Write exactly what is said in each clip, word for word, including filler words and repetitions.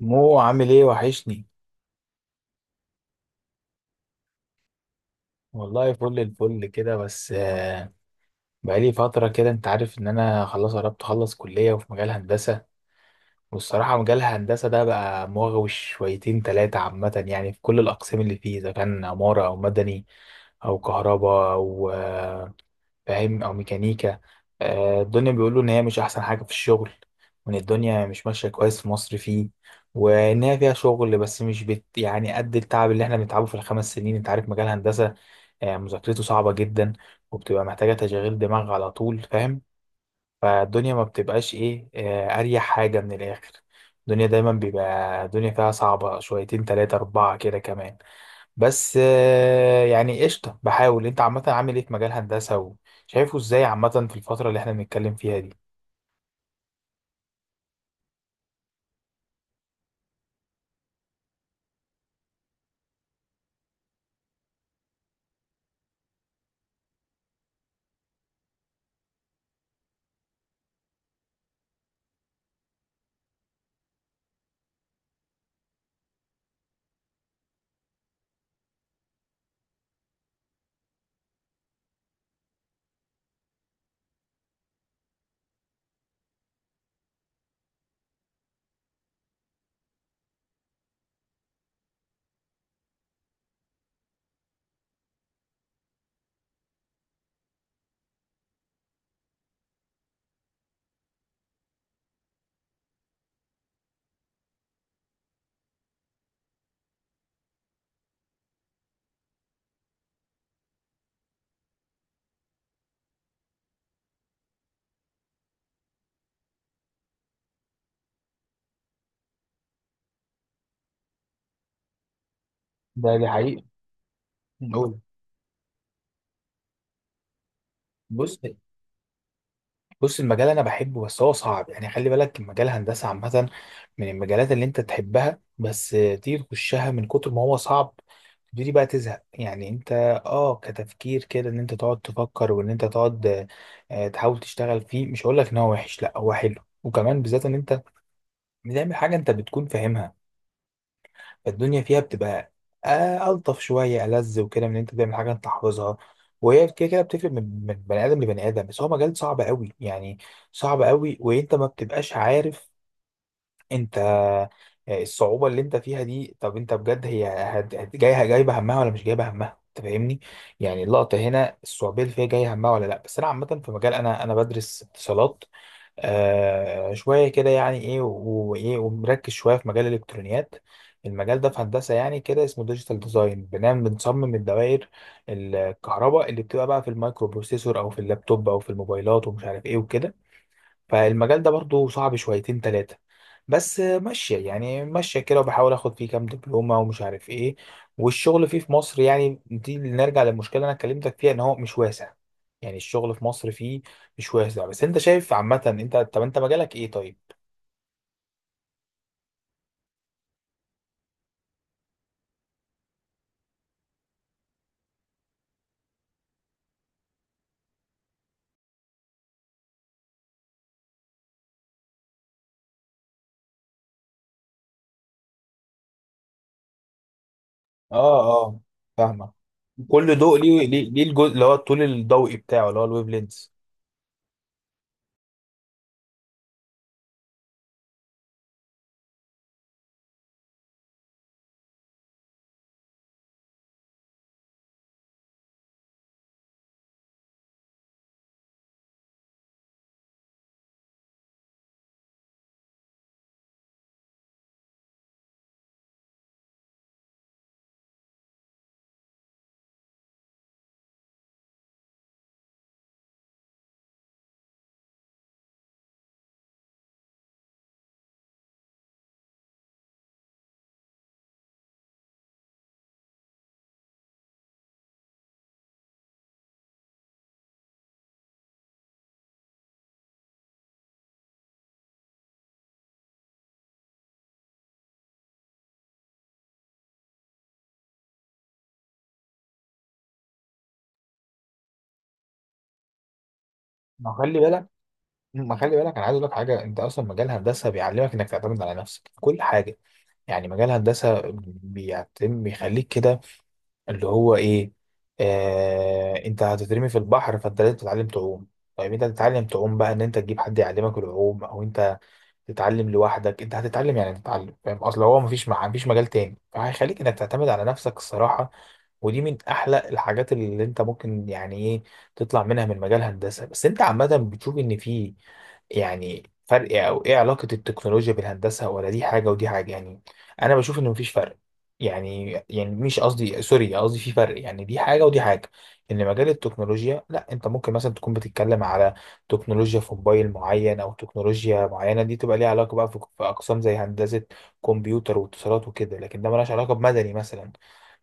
مو عامل ايه وحشني. والله فل الفل كده، بس آه، بقالي فترة كده. انت عارف ان انا خلاص قربت اخلص كلية وفي مجال هندسة. والصراحة مجال الهندسة ده بقى مغوي شويتين تلاتة عامة، يعني في كل الأقسام اللي فيه، إذا كان عمارة أو مدني أو كهرباء أو آه، فاهم، او ميكانيكا. آه، الدنيا بيقولوا ان هي مش احسن حاجه في الشغل، وان الدنيا مش ماشيه كويس في مصر فيه، وان هي فيها شغل بس مش بت يعني قد التعب اللي احنا بنتعبه في الخمس سنين. انت عارف مجال هندسه آه، مذاكرته صعبه جدا، وبتبقى محتاجه تشغيل دماغ على طول، فاهم؟ فالدنيا ما بتبقاش ايه آه، اريح حاجه من الاخر. الدنيا دايما بيبقى الدنيا فيها صعبه شويتين تلاتة اربعه كده كمان، بس آه، يعني قشطة، بحاول. انت عامة عامل ايه في مجال هندسة، وشايفه ازاي عامة في الفترة اللي احنا بنتكلم فيها دي؟ ده دي حقيقة. قول. بص بص، المجال انا بحبه بس هو صعب، يعني خلي بالك المجال الهندسه عامه من المجالات اللي انت تحبها، بس آه، تيجي تخشها من كتر ما هو صعب تبتدي بقى تزهق، يعني انت اه كتفكير كده ان انت تقعد تفكر وان انت تقعد آه، آه، تحاول تشتغل فيه. مش هقول لك ان هو وحش، لا هو حلو، وكمان بالذات ان انت بتعمل حاجه انت بتكون فاهمها الدنيا فيها بتبقى آه، ألطف شوية ألذ وكده من إن أنت تعمل حاجة أنت حافظها. وهي كده كده بتفرق من من بني آدم لبني آدم، بس هو مجال صعب قوي يعني، صعب قوي. وأنت ما بتبقاش عارف أنت آه، الصعوبة اللي أنت فيها دي، طب أنت بجد هي هت- هت- جاية جايبة همها ولا مش جايبة همها؟ أنت فاهمني، يعني اللقطة هنا الصعوبية اللي فيها جاية همها ولا لأ. بس أنا عامة في مجال، أنا أنا بدرس اتصالات آه شوية كده، يعني إيه و- وإيه، ومركز شوية في مجال الإلكترونيات. المجال ده في هندسة يعني كده اسمه ديجيتال ديزاين، بنعمل بنصمم الدوائر الكهرباء اللي بتبقى بقى في المايكرو بروسيسور أو في اللابتوب أو في الموبايلات ومش عارف إيه وكده. فالمجال ده برضو صعب شويتين تلاتة، بس ماشية يعني، ماشية كده وبحاول اخد فيه كام دبلومة ومش عارف ايه. والشغل فيه في مصر، يعني دي اللي نرجع للمشكلة اللي انا كلمتك فيها ان هو مش واسع، يعني الشغل في مصر فيه مش واسع. بس انت شايف عامة انت، طب انت مجالك ايه طيب؟ اه اه، فاهمة. كل ضوء ليه ليه ليه الجزء اللي هو الطول الضوئي بتاعه اللي هو الويف لينز. ما خلي بالك ما خلي بالك، انا عايز اقول لك حاجه. انت اصلا مجال هندسه بيعلمك انك تعتمد على نفسك في كل حاجه، يعني مجال هندسه بيعتم بيخليك كده اللي هو ايه، آه انت هتترمي في البحر فانت لازم تتعلم تعوم. طيب انت هتتعلم تعوم بقى ان انت تجيب حد يعلمك العوم او انت تتعلم لوحدك؟ انت هتتعلم يعني تتعلم، فاهم؟ اصل هو مفيش مع... مفيش مجال تاني فهيخليك انك تعتمد على نفسك الصراحة. ودي من احلى الحاجات اللي انت ممكن يعني ايه تطلع منها من مجال هندسة. بس انت عامة بتشوف ان في يعني فرق، او ايه علاقة التكنولوجيا بالهندسة، ولا دي حاجة ودي حاجة يعني؟ انا بشوف ان مفيش فرق، يعني يعني مش قصدي، سوري قصدي في فرق يعني، دي حاجة ودي حاجة. ان مجال التكنولوجيا لا، انت ممكن مثلا تكون بتتكلم على تكنولوجيا في موبايل معين او تكنولوجيا معينه، دي تبقى ليها علاقه بقى في في اقسام زي هندسه كمبيوتر واتصالات وكده، لكن ده ملهاش علاقه بمدني مثلا.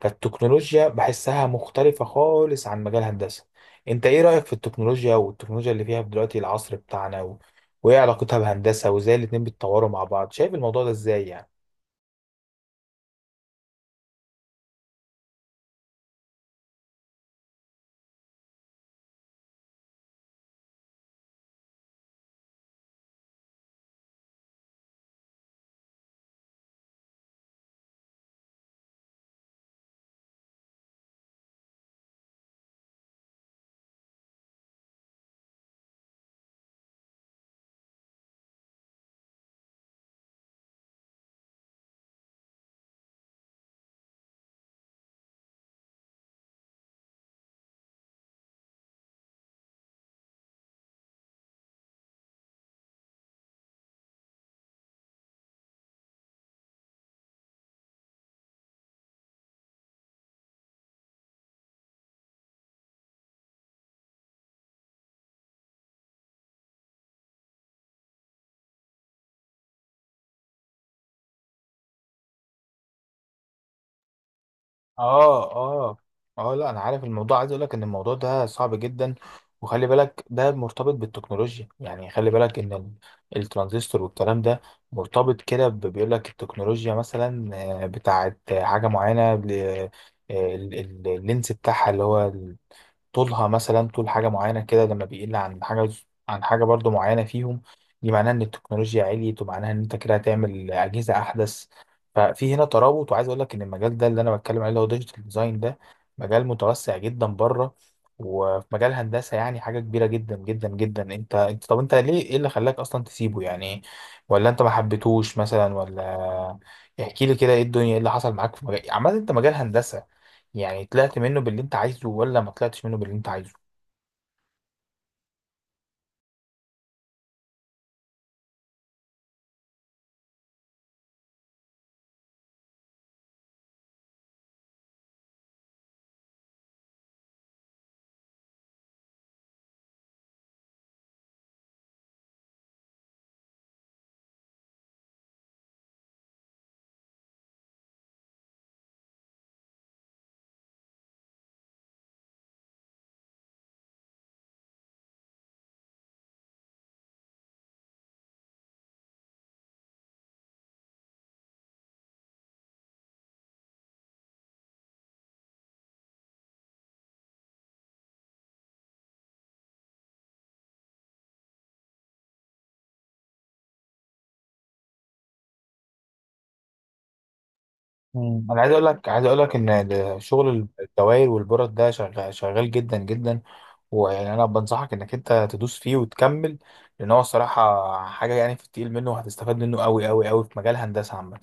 فالتكنولوجيا بحسها مختلفه خالص عن مجال هندسه. انت ايه رايك في التكنولوجيا، والتكنولوجيا اللي فيها في دلوقتي العصر بتاعنا و... وايه علاقتها بهندسه، وازاي الاتنين بيتطوروا مع بعض؟ شايف الموضوع ده ازاي يعني؟ اه اه اه، لا انا عارف الموضوع. عايز اقول لك ان الموضوع ده صعب جدا، وخلي بالك ده مرتبط بالتكنولوجيا، يعني خلي بالك ان ال- الترانزستور والكلام ده مرتبط كده ب- بيقول لك التكنولوجيا مثلا آه، بتاعت حاجة معينة ل- آه، ال- ال- اللينس بتاعها اللي هو طولها مثلا طول حاجة معينة كده لما بيقل عن حاجة عن حاجة برضو معينة فيهم، دي معناها إن التكنولوجيا عليت، ومعناها إن أنت كده هتعمل أجهزة أحدث. ففي هنا ترابط. وعايز أقول لك إن المجال ده اللي أنا بتكلم عليه اللي هو ديجيتال ديزاين ده مجال متوسع جدا بره، وفي مجال هندسة يعني حاجة كبيرة جدا جدا جدا. أنت أنت طب أنت ليه، إيه اللي خلاك أصلا تسيبه يعني؟ ولا أنت ما حبيتهوش مثلا ولا؟ احكي لي كده إيه الدنيا، إيه اللي حصل معاك في مجال، عامة أنت مجال هندسة يعني طلعت منه باللي انت عايزه ولا ما طلعتش منه باللي انت عايزه؟ مم. انا عايز اقول لك عايز اقول لك ان شغل الدوائر والبرد ده شغال شغال جدا جدا، ويعني انا بنصحك انك انت تدوس فيه وتكمل، لان هو الصراحه حاجه يعني في التقيل منه، وهتستفاد منه قوي قوي قوي في مجال هندسه عامه.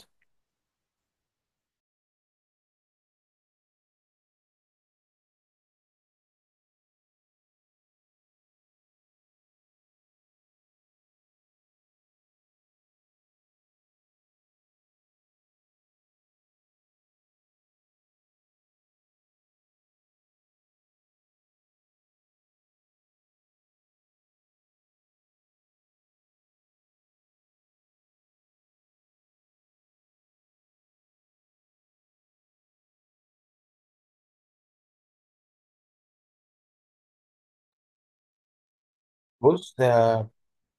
بص،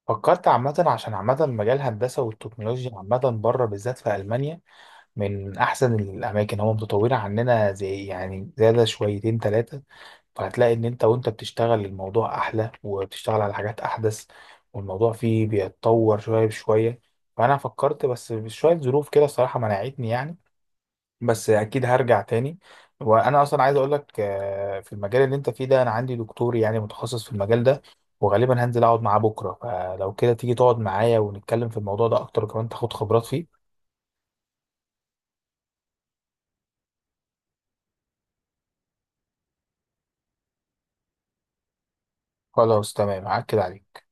فكرت عامة عشان عامة مجال الهندسة والتكنولوجيا عامة بره بالذات في ألمانيا من أحسن الأماكن، هم متطورين عننا زي يعني زيادة شويتين تلاتة، فهتلاقي ان انت وانت بتشتغل الموضوع احلى وبتشتغل على حاجات احدث، والموضوع فيه بيتطور شويه بشويه. فانا فكرت، بس بشويه ظروف كده الصراحه منعتني يعني، بس اكيد هرجع تاني. وانا اصلا عايز اقول لك آه، في المجال اللي انت فيه ده انا عندي دكتور يعني متخصص في المجال ده، وغالبا هنزل اقعد معاه بكره، فلو كده تيجي تقعد معايا ونتكلم في الموضوع ده اكتر وكمان تاخد خبرات فيه. خلاص تمام، هاكد عليك.